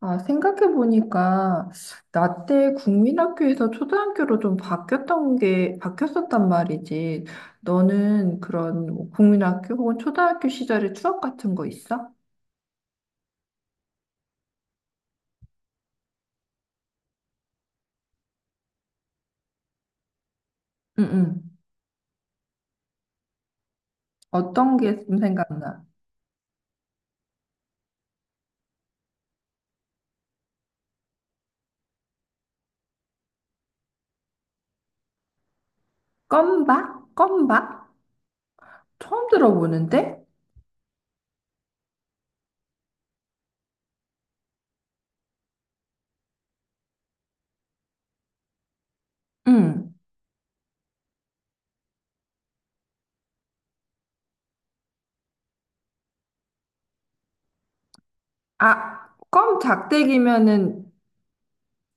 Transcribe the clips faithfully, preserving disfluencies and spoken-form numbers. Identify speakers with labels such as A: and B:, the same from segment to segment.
A: 아, 생각해보니까, 나 때 국민학교에서 초등학교로 좀 바뀌었던 게, 바뀌었었단 말이지. 너는 그런 뭐 국민학교 혹은 초등학교 시절의 추억 같은 거 있어? 응, 응. 어떤 게 좀 생각나? 껌박? 껌박? 처음 들어보는데? 응. 아, 껌 작대기면은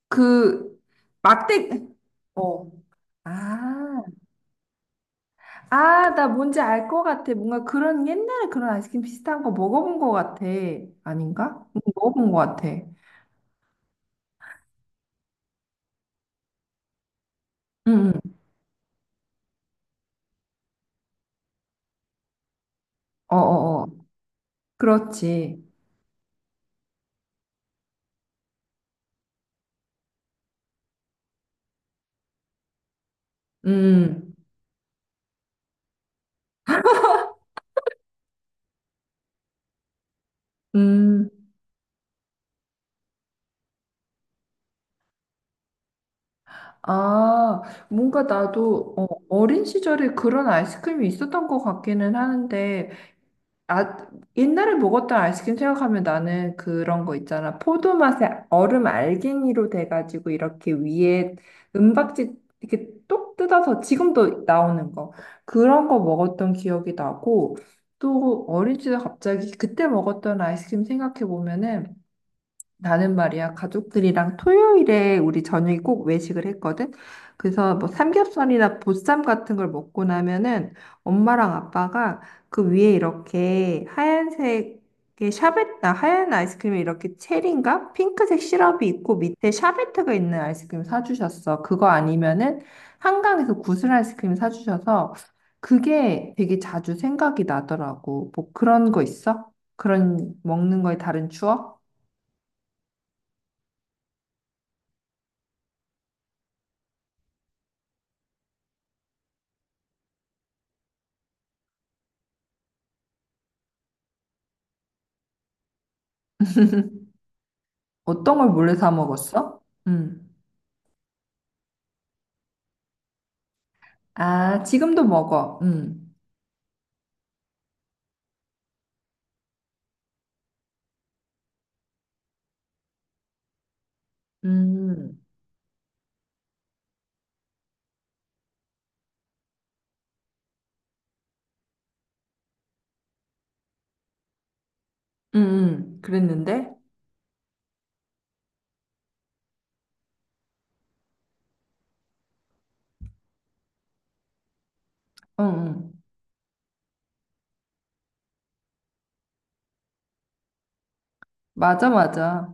A: 그 막대, 어. 아. 아, 나 뭔지 알 것 같아. 뭔가 그런 옛날에 그런 아이스크림 비슷한 거 먹어본 것 같아. 아닌가? 응, 먹어본 것 같아. 응, 응. 어어어. 그렇지. 음, 음. 아, 뭔가 나도 어, 어린 시절에 그런 아이스크림이 있었던 것 같기는 하는데, 아, 옛날에 먹었던 아이스크림 생각하면 나는 그런 거 있잖아. 포도 맛에 얼음 알갱이로 돼가지고 이렇게 위에 은박지 이렇게 똑 뜯어서 지금도 나오는 거. 그런 거 먹었던 기억이 나고 또 어린 시절 갑자기 그때 먹었던 아이스크림 생각해 보면은 나는 말이야, 가족들이랑 토요일에 우리 저녁에 꼭 외식을 했거든. 그래서 뭐 삼겹살이나 보쌈 같은 걸 먹고 나면은 엄마랑 아빠가 그 위에 이렇게 하얀색의 샤베트, 아, 하얀 아이스크림에 이렇게 체리인가? 핑크색 시럽이 있고 밑에 샤베트가 있는 아이스크림 사주셨어. 그거 아니면은 한강에서 구슬 아이스크림 사주셔서 그게 되게 자주 생각이 나더라고. 뭐 그런 거 있어? 그런 먹는 거에 다른 추억? 어떤 걸 몰래 사 먹었어? 음. 아, 지금도 먹어. 음. 음. 음, 음. 그랬는데? 응, 응. 맞아, 맞아.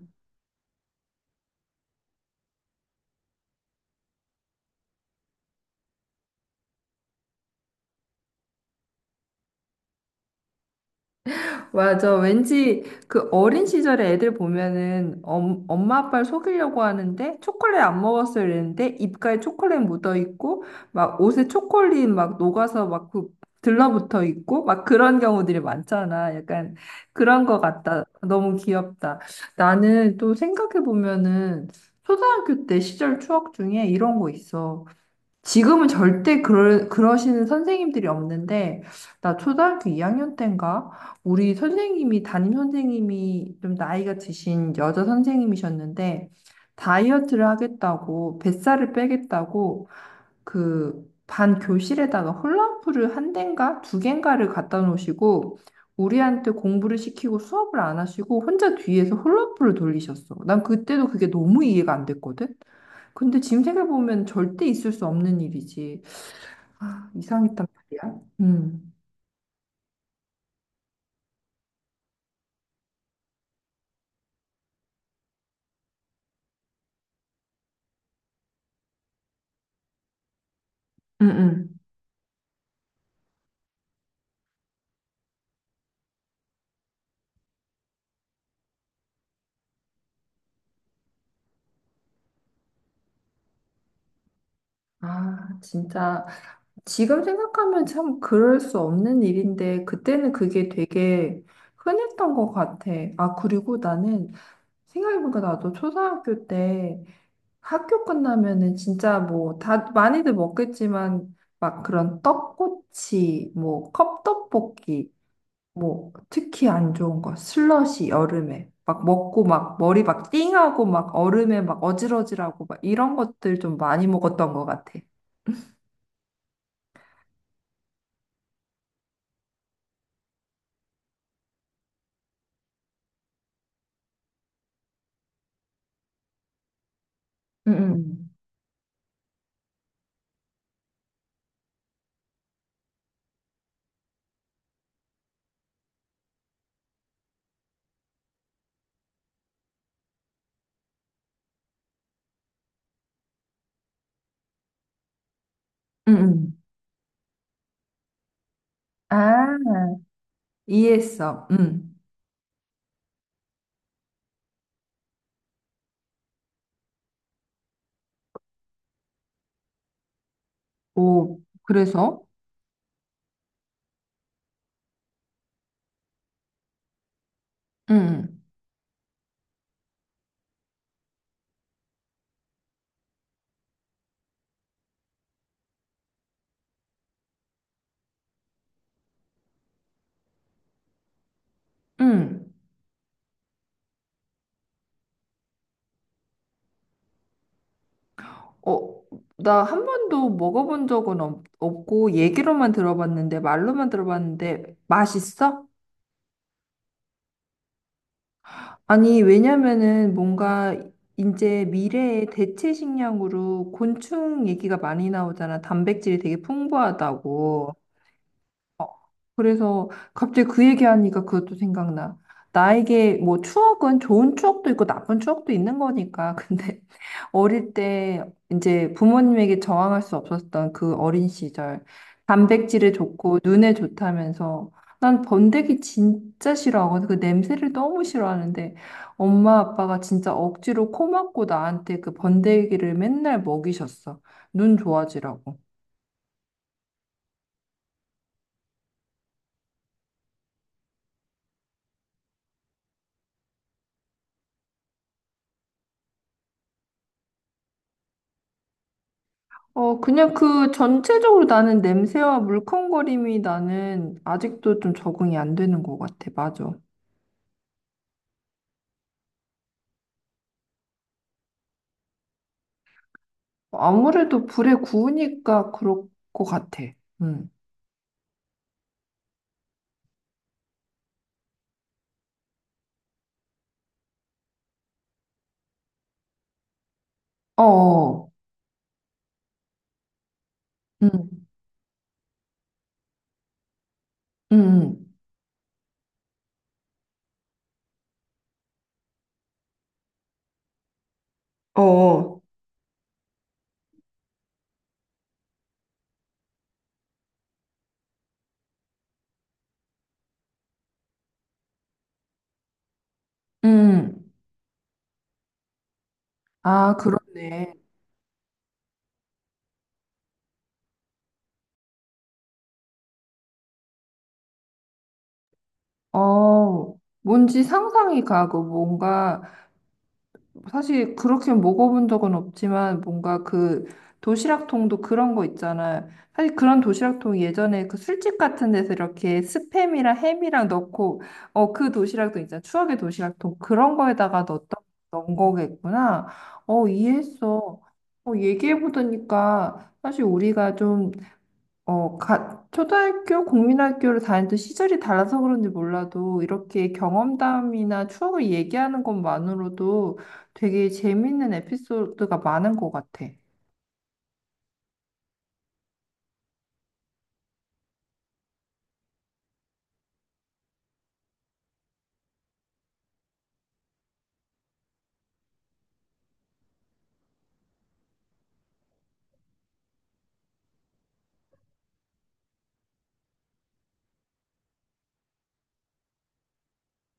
A: 맞아. 왠지 그 어린 시절에 애들 보면은 엄, 엄마 아빠를 속이려고 하는데 초콜릿 안 먹었어요 이랬는데 입가에 초콜릿 묻어 있고 막 옷에 초콜릿 막 녹아서 막 그 들러붙어 있고 막 그런 경우들이 많잖아. 약간 그런 거 같다. 너무 귀엽다. 나는 또 생각해 보면은 초등학교 때 시절 추억 중에 이런 거 있어. 지금은 절대 그러, 그러시는 선생님들이 없는데, 나 초등학교 이 학년 때인가? 우리 선생님이, 담임 선생님이 좀 나이가 드신 여자 선생님이셨는데, 다이어트를 하겠다고, 뱃살을 빼겠다고, 그, 반 교실에다가 홀라후프를 한 대인가? 두 개인가를 갖다 놓으시고, 우리한테 공부를 시키고 수업을 안 하시고, 혼자 뒤에서 홀라후프를 돌리셨어. 난 그때도 그게 너무 이해가 안 됐거든? 근데 지금 생각해보면 절대 있을 수 없는 일이지. 아, 이상했단 말이야. 음, 음, 음. 아, 진짜. 지금 생각하면 참 그럴 수 없는 일인데, 그때는 그게 되게 흔했던 것 같아. 아, 그리고 나는 생각해보니까 나도 초등학교 때 학교 끝나면은 진짜 뭐, 다, 많이들 먹겠지만, 막 그런 떡꼬치, 뭐, 컵떡볶이, 뭐 특히 안 좋은 거 슬러시 여름에 막 먹고 막 머리 막 띵하고 막 얼음에 막 어질어질하고 막 이런 것들 좀 많이 먹었던 것 같아. 응, 응, 응. 아, 이해했어. 응 오, 그래서? 응응 응 어, 나 한 번도 먹어본 적은 없, 없고 얘기로만 들어봤는데 말로만 들어봤는데 맛있어? 아니, 왜냐면은 뭔가 이제 미래의 대체 식량으로 곤충 얘기가 많이 나오잖아. 단백질이 되게 풍부하다고. 그래서 갑자기 그 얘기하니까 그것도 생각나. 나에게 뭐 추억은 좋은 추억도 있고 나쁜 추억도 있는 거니까. 근데 어릴 때 이제 부모님에게 저항할 수 없었던 그 어린 시절. 단백질에 좋고 눈에 좋다면서 난 번데기 진짜 싫어하거든. 그 냄새를 너무 싫어하는데 엄마 아빠가 진짜 억지로 코 막고 나한테 그 번데기를 맨날 먹이셨어. 눈 좋아지라고. 어, 그냥 그 전체적으로 나는 냄새와 물컹거림이 나는 아직도 좀 적응이 안 되는 것 같아. 맞아. 아무래도 불에 구우니까 그럴 것 같아. 응. 어, 어. 응, 응, 어, 응. 아, 그렇네. 어, 뭔지 상상이 가고 뭔가 사실 그렇게 먹어본 적은 없지만 뭔가 그 도시락통도 그런 거 있잖아요. 사실 그런 도시락통 예전에 그 술집 같은 데서 이렇게 스팸이랑 햄이랑 넣고 어 그 도시락도 있잖아. 추억의 도시락통 그런 거에다가 넣었던 넣은 거겠구나. 어 이해했어. 어 얘기해 보니까 사실 우리가 좀 어, 가, 초등학교, 국민학교를 다니던 시절이 달라서 그런지 몰라도 이렇게 경험담이나 추억을 얘기하는 것만으로도 되게 재밌는 에피소드가 많은 것 같아.